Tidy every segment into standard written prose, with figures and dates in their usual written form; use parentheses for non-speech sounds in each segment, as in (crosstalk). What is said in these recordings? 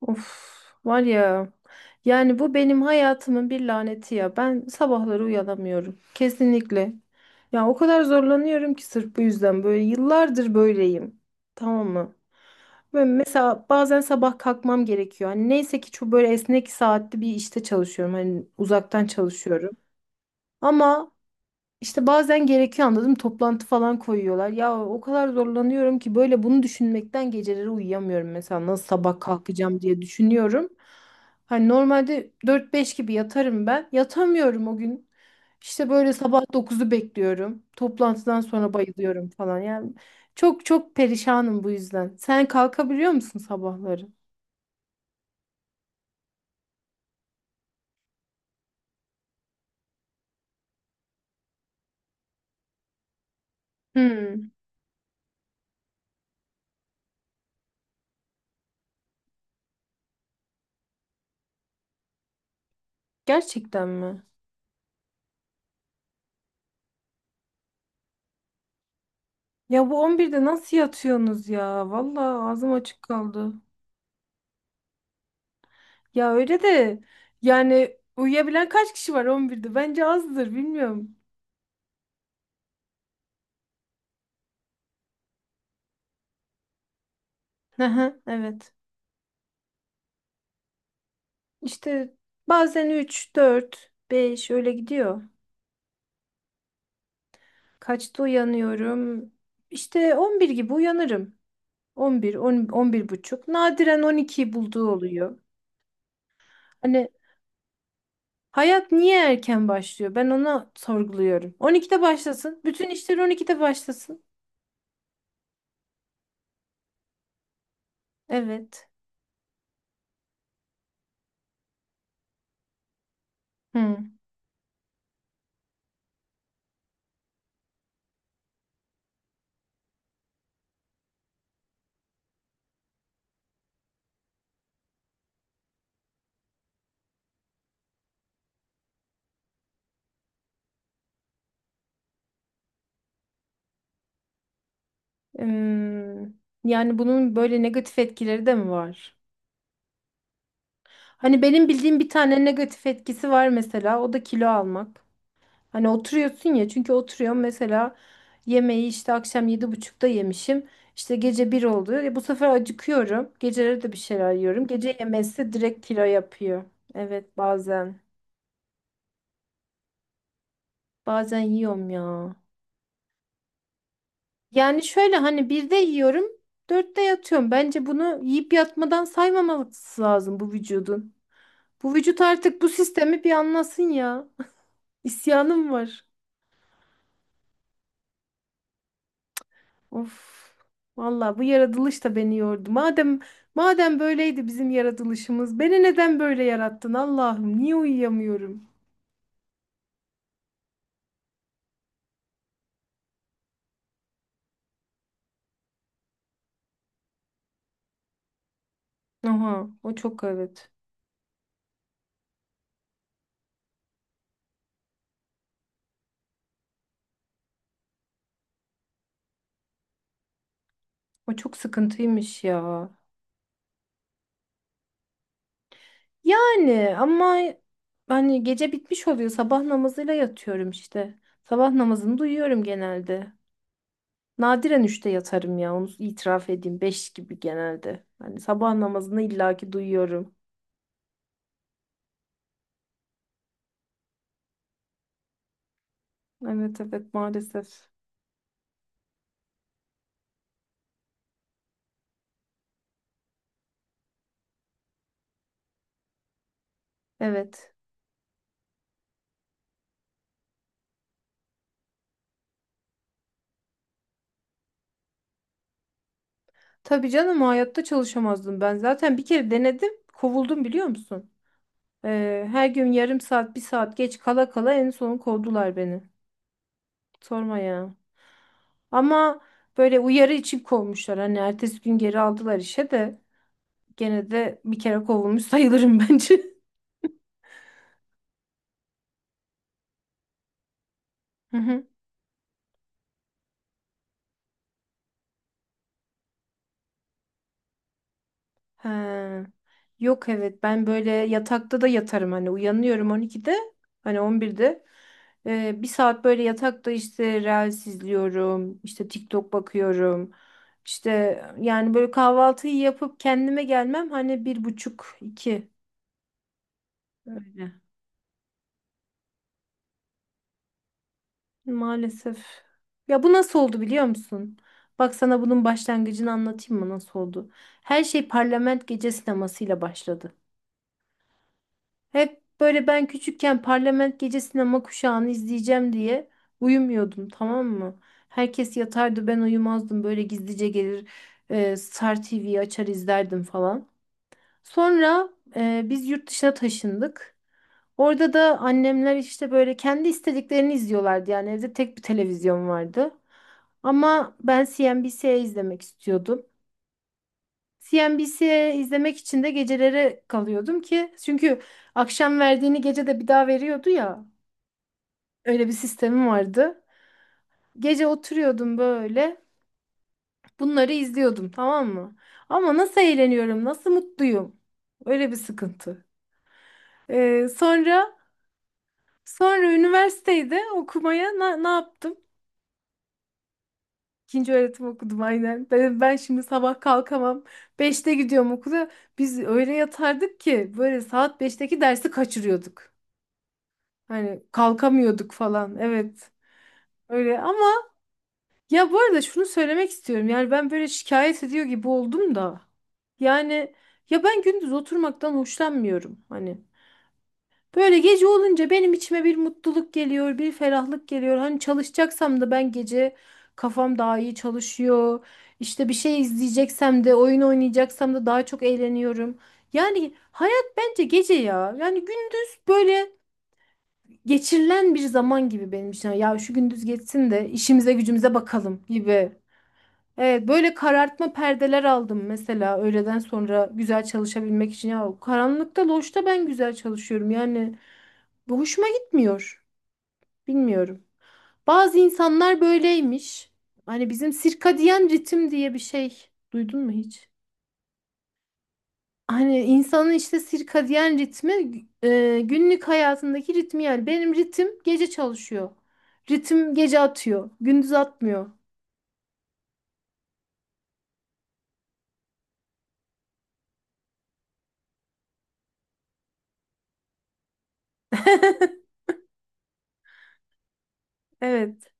Of var ya, yani bu benim hayatımın bir laneti ya. Ben sabahları uyanamıyorum kesinlikle ya, o kadar zorlanıyorum ki. Sırf bu yüzden böyle yıllardır böyleyim, tamam mı? Ve mesela bazen sabah kalkmam gerekiyor. Hani neyse ki çok böyle esnek saatli bir işte çalışıyorum, hani uzaktan çalışıyorum ama işte bazen gerekiyor, anladım, toplantı falan koyuyorlar. Ya o kadar zorlanıyorum ki böyle, bunu düşünmekten geceleri uyuyamıyorum mesela, nasıl sabah kalkacağım diye düşünüyorum. Hani normalde dört beş gibi yatarım ben. Yatamıyorum o gün. İşte böyle sabah dokuzu bekliyorum. Toplantıdan sonra bayılıyorum falan. Yani çok çok perişanım bu yüzden. Sen kalkabiliyor musun sabahları? Hmm, gerçekten mi? Ya bu 11'de nasıl yatıyorsunuz ya? Vallahi ağzım açık kaldı. Ya öyle de, yani uyuyabilen kaç kişi var 11'de? Bence azdır, bilmiyorum. Aha, evet. İşte bazen 3 4 5 öyle gidiyor. Kaçta uyanıyorum? İşte 11 gibi uyanırım. On bir, on, 11:30. Nadiren 12 bulduğu oluyor. Hani hayat niye erken başlıyor? Ben ona sorguluyorum. 12'de başlasın. Bütün işler 12'de başlasın. Evet. Hı. Yani bunun böyle negatif etkileri de mi var? Hani benim bildiğim bir tane negatif etkisi var mesela, o da kilo almak. Hani oturuyorsun ya, çünkü oturuyorum mesela, yemeği işte akşam 7:30 yemişim. İşte gece bir oldu. E bu sefer acıkıyorum. Geceleri de bir şeyler yiyorum. Gece yemesi direkt kilo yapıyor. Evet, bazen. Bazen yiyorum ya. Yani şöyle, hani birde yiyorum, dörtte yatıyorum. Bence bunu yiyip yatmadan saymaması lazım bu vücudun. Bu vücut artık bu sistemi bir anlasın ya. (laughs) İsyanım var. Of. Vallahi bu yaratılış da beni yordu. Madem böyleydi bizim yaratılışımız, beni neden böyle yarattın Allah'ım? Niye uyuyamıyorum? Aha, o çok, evet. O çok sıkıntıymış ya. Yani ama, hani gece bitmiş oluyor. Sabah namazıyla yatıyorum işte. Sabah namazını duyuyorum genelde. Nadiren üçte yatarım ya. Onu itiraf edeyim. Beş gibi genelde. Hani sabah namazını illaki duyuyorum. Evet evet, maalesef. Evet. Tabii canım, hayatta çalışamazdım ben. Zaten bir kere denedim, kovuldum biliyor musun? Her gün yarım saat, bir saat geç kala kala en son kovdular beni. Sorma ya. Ama böyle uyarı için kovmuşlar. Hani ertesi gün geri aldılar işe de, gene de bir kere kovulmuş sayılırım (laughs) bence. (laughs) Ha. Yok, evet, ben böyle yatakta da yatarım. Hani uyanıyorum 12'de, hani 11'de. Bir saat böyle yatakta işte Reels izliyorum, işte TikTok bakıyorum, işte yani böyle kahvaltıyı yapıp kendime gelmem hani bir buçuk iki. Öyle, maalesef. Ya bu nasıl oldu biliyor musun? Bak, sana bunun başlangıcını anlatayım mı nasıl oldu? Her şey Parlament Gece sinemasıyla başladı. Hep böyle ben küçükken parlament gece sinema kuşağını izleyeceğim diye uyumuyordum, tamam mı? Herkes yatardı, ben uyumazdım, böyle gizlice gelir, Star TV'yi açar izlerdim falan. Sonra biz yurt dışına taşındık. Orada da annemler işte böyle kendi istediklerini izliyorlardı, yani evde tek bir televizyon vardı. Ama ben CNBC izlemek istiyordum. CNBC izlemek için de gecelere kalıyordum ki, çünkü akşam verdiğini gece de bir daha veriyordu ya. Öyle bir sistemi vardı. Gece oturuyordum böyle. Bunları izliyordum, tamam mı? Ama nasıl eğleniyorum, nasıl mutluyum. Öyle bir sıkıntı. Ee, sonra sonra üniversitede okumaya ne yaptım? İkinci öğretim okudum aynen. Ben şimdi sabah kalkamam. Beşte gidiyorum okula. Biz öyle yatardık ki böyle saat beşteki dersi kaçırıyorduk. Hani kalkamıyorduk falan. Evet. Öyle, ama ya bu arada şunu söylemek istiyorum. Yani ben böyle şikayet ediyor gibi oldum da. Yani ya, ben gündüz oturmaktan hoşlanmıyorum. Hani böyle gece olunca benim içime bir mutluluk geliyor, bir ferahlık geliyor. Hani çalışacaksam da ben gece kafam daha iyi çalışıyor. İşte bir şey izleyeceksem de, oyun oynayacaksam da daha çok eğleniyorum. Yani hayat bence gece ya. Yani gündüz böyle geçirilen bir zaman gibi benim için. Ya şu gündüz geçsin de işimize gücümüze bakalım gibi. Evet, böyle karartma perdeler aldım mesela öğleden sonra güzel çalışabilmek için. Ya, karanlıkta, loşta ben güzel çalışıyorum yani, bu hoşuma gitmiyor. Bilmiyorum. Bazı insanlar böyleymiş. Hani bizim sirkadiyen ritim diye bir şey duydun mu hiç? Hani insanın işte sirkadiyen ritmi, günlük hayatındaki ritmi, yani benim ritim gece çalışıyor. Ritim gece atıyor. Gündüz atmıyor. (laughs) Evet.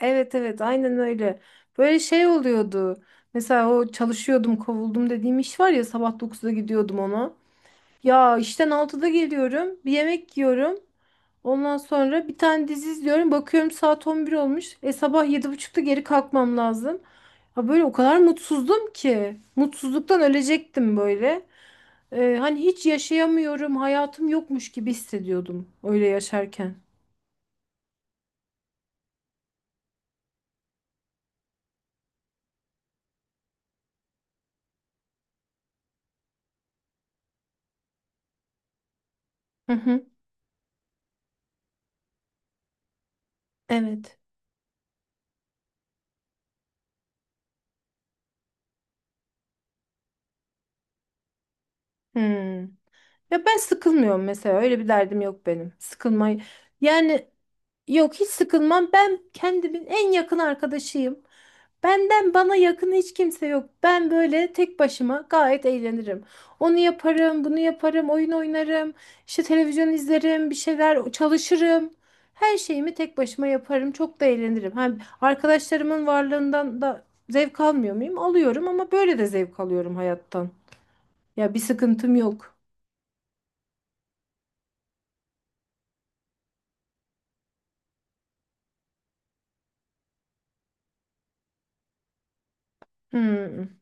Evet evet, aynen öyle. Böyle şey oluyordu. Mesela o çalışıyordum kovuldum dediğim iş var ya, sabah dokuzda gidiyordum ona. Ya işten altıda geliyorum, bir yemek yiyorum. Ondan sonra bir tane dizi izliyorum. Bakıyorum saat 11 olmuş. E sabah yedi buçukta geri kalkmam lazım. Ha, böyle o kadar mutsuzdum ki. Mutsuzluktan ölecektim böyle. E hani hiç yaşayamıyorum. Hayatım yokmuş gibi hissediyordum öyle yaşarken. Hı hı. Evet. Hmm. Ya ben sıkılmıyorum mesela. Öyle bir derdim yok benim. Sıkılmayı. Yani, yok, hiç sıkılmam. Ben kendimin en yakın arkadaşıyım. Benden bana yakın hiç kimse yok. Ben böyle tek başıma gayet eğlenirim. Onu yaparım, bunu yaparım, oyun oynarım, işte televizyon izlerim, bir şeyler çalışırım. Her şeyimi tek başıma yaparım. Çok da eğlenirim. Hem arkadaşlarımın varlığından da zevk almıyor muyum? Alıyorum, ama böyle de zevk alıyorum hayattan. Ya bir sıkıntım yok. Hmm.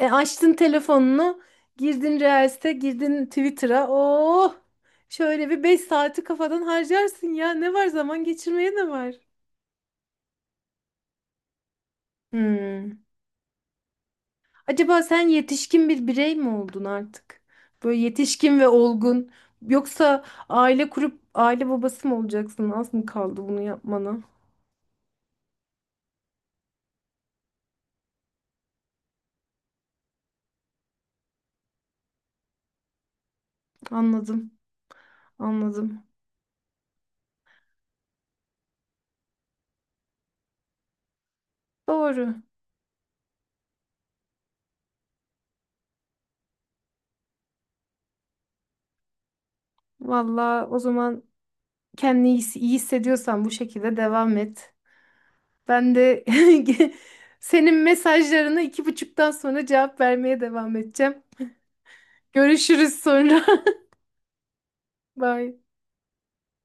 E, açtın telefonunu, girdin Reels'e, girdin Twitter'a. Oh! Şöyle bir 5 saati kafadan harcarsın ya. Ne var zaman geçirmeye, ne var? Hmm. Acaba sen yetişkin bir birey mi oldun artık? Böyle yetişkin ve olgun. Yoksa aile kurup aile babası mı olacaksın? Az mı kaldı bunu yapmana? Anladım, anladım. Doğru. Valla o zaman kendini iyi iyi hissediyorsan bu şekilde devam et. Ben de (laughs) senin mesajlarına 2:30 sonra cevap vermeye devam edeceğim. Görüşürüz sonra. (laughs) Bye.